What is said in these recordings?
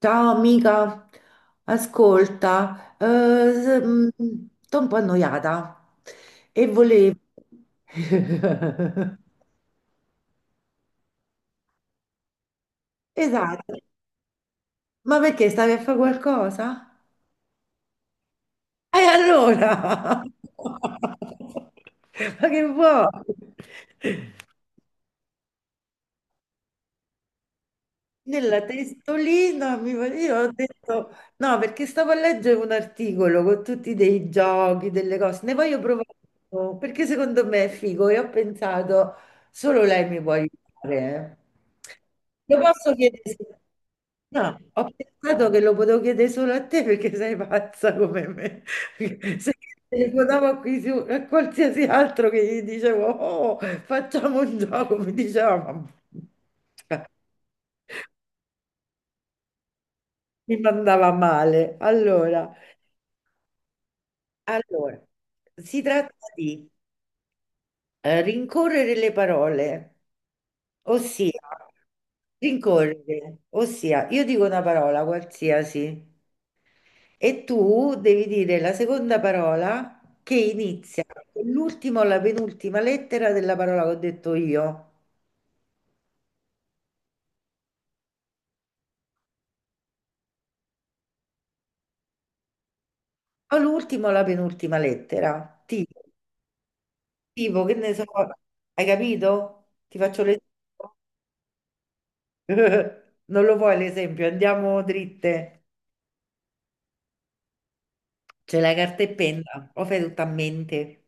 Ciao amica, ascolta, s- mm, sto un po' annoiata e volevo... Esatto, ma perché stavi a fare qualcosa? E allora? Ma che vuoi? Nella testolina io ho detto no, perché stavo a leggere un articolo con tutti dei giochi, delle cose, ne voglio provare uno, perché secondo me è figo e ho pensato solo lei mi può aiutare. Eh, lo posso chiedere? No, ho pensato che lo potevo chiedere solo a te perché sei pazza come me. Se telefonavo a, a qualsiasi altro che gli dicevo, oh, facciamo un gioco, mi diceva, "Ma- mi mandava male. Allora, si tratta di rincorrere le parole, ossia ossia io dico una parola qualsiasi e tu devi dire la seconda parola che inizia con l'ultima o la penultima lettera della parola che ho detto io, o l'ultima o la penultima lettera, tipo, che ne so, hai capito? Ti faccio l'esempio. Non lo vuoi l'esempio? Andiamo dritte. C'è la carta e penna, o fai tutto a mente?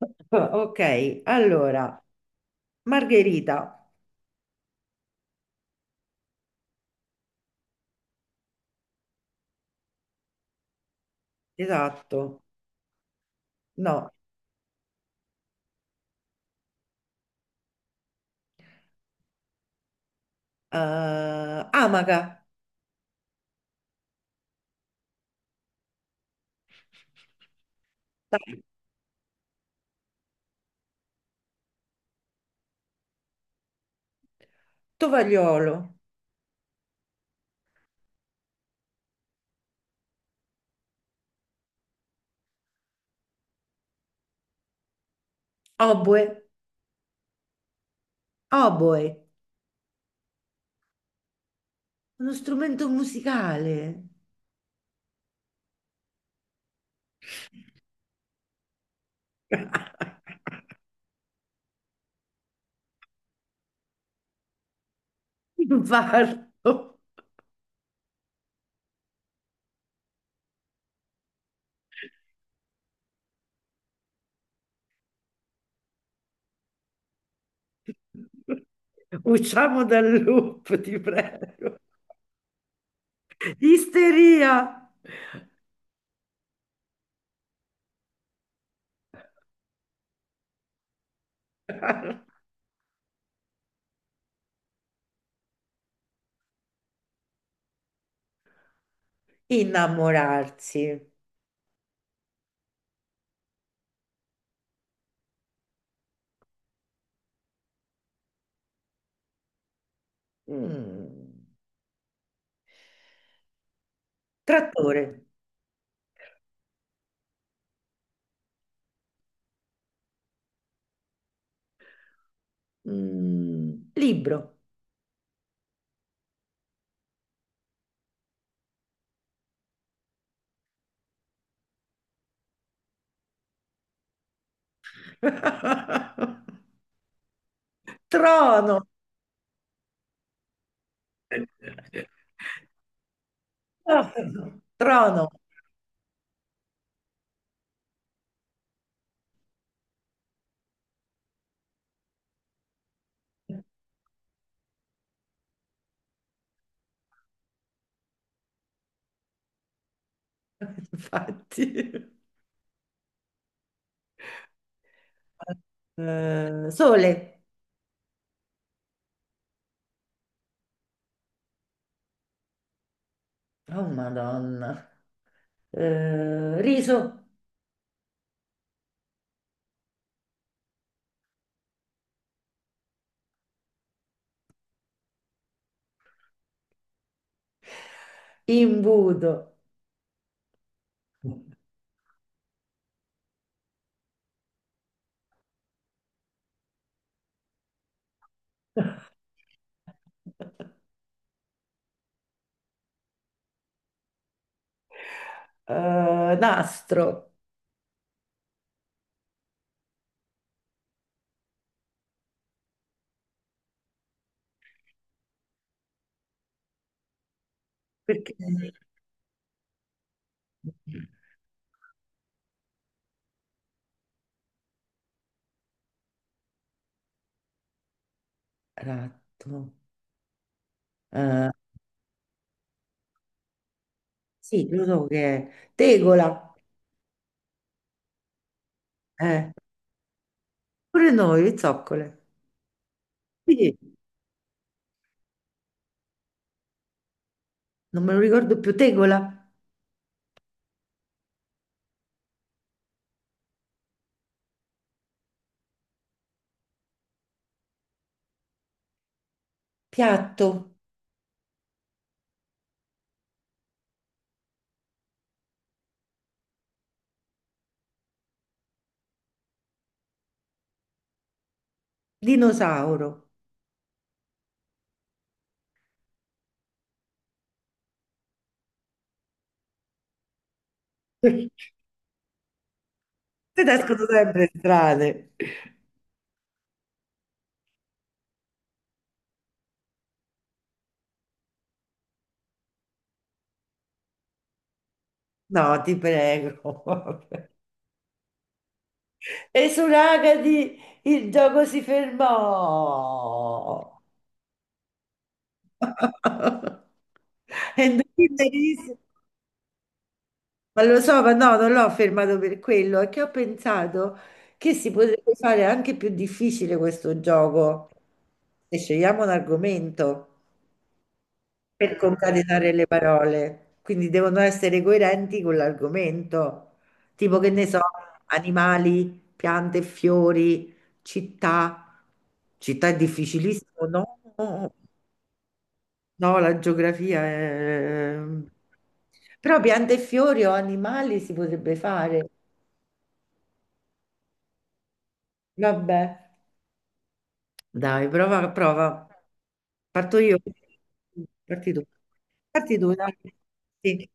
Ok, allora, Margherita, esatto, no, Amaca, dai, Tovagliolo, oboe, oboe, uno strumento musicale, infarto, usciamo dal loop, ti prego, isteria, innamorarsi. Mm. Trattore, mm. Libro, trono, Trono. Infatti. Sole, oh Madonna, eh, riso, imbuto, eh, nastro, perché ratto, eh, sì, lo so che è, tegola, eh, pure noi, zoccole, sì. Non me lo ricordo più, tegola, piatto, dinosauro. Te ne escono sempre strane. No, ti prego. E su Ragadi il gioco si fermò. E ma lo so, ma no, non l'ho fermato per quello, è che ho pensato che si potrebbe fare anche più difficile questo gioco. E scegliamo un argomento. Per concatenare le parole, quindi devono essere coerenti con l'argomento, tipo che ne so, animali, piante, e fiori, città. Città è difficilissimo, no? No, la geografia è... Però piante e fiori o animali si potrebbe fare. Vabbè, dai, prova. Parto io. Parti tu. Dai. Sì.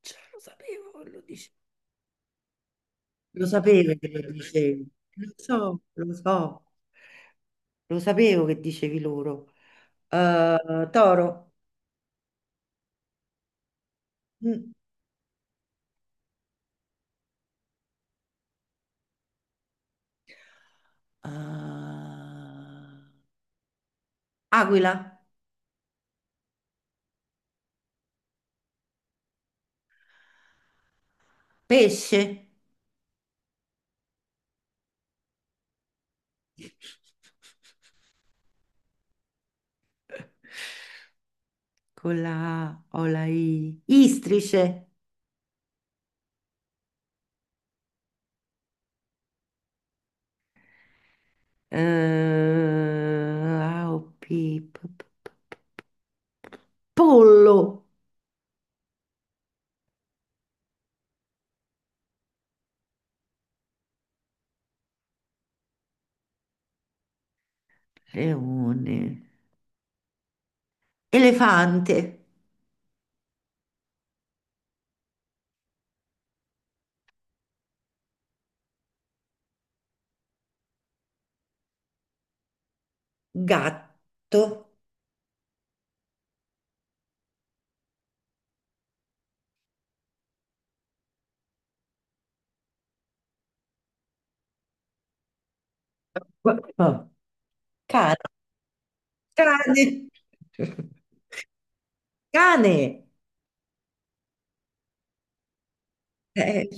Cioè, lo sapevo, lo dicevo. Lo sapevo che lo dicevi, lo so, lo sapevo che dicevi loro. Toro, mm. Eh, aquila, pesce, con la A o la I, istrice, eh, A o P, p- p- p- p- pollo, leone, elefante, gatto, cane. Cane, cane, eh,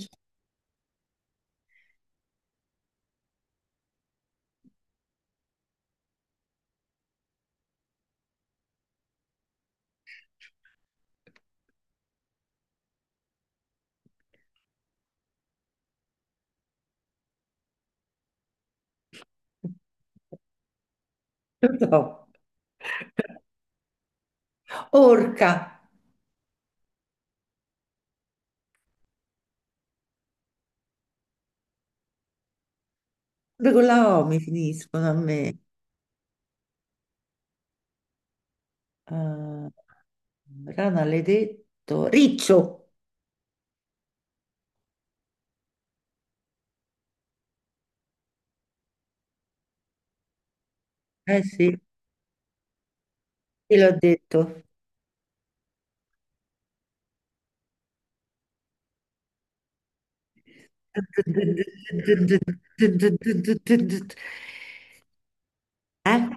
no. Orca, pure con la O mi finiscono a me. Ah, rana l'hai detto. Riccio, eh sì, te l'ho detto. Eh?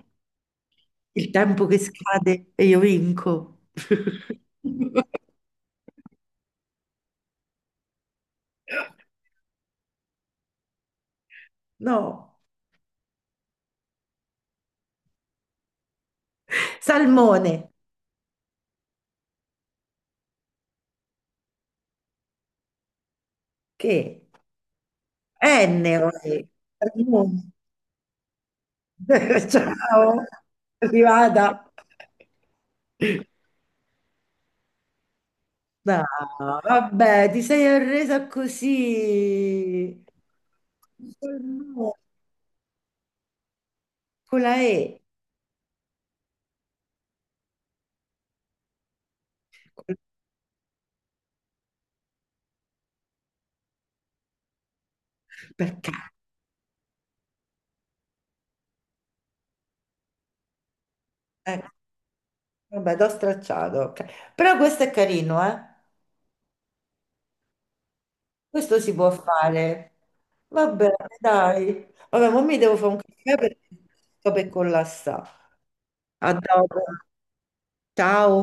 Il tempo che scade e io vinco. No, salmone, che? Ennio, eh. Ciao, arrivata. No, vabbè, ti sei arresa così. No, con la E. Con- Perché? Eh, vabbè, t'ho stracciato. Ok. Però questo è carino, eh? Questo si può fare. Vabbè, dai. Vabbè, ma mi devo fare un caffè perché sto per collassare. A dopo. Ciao.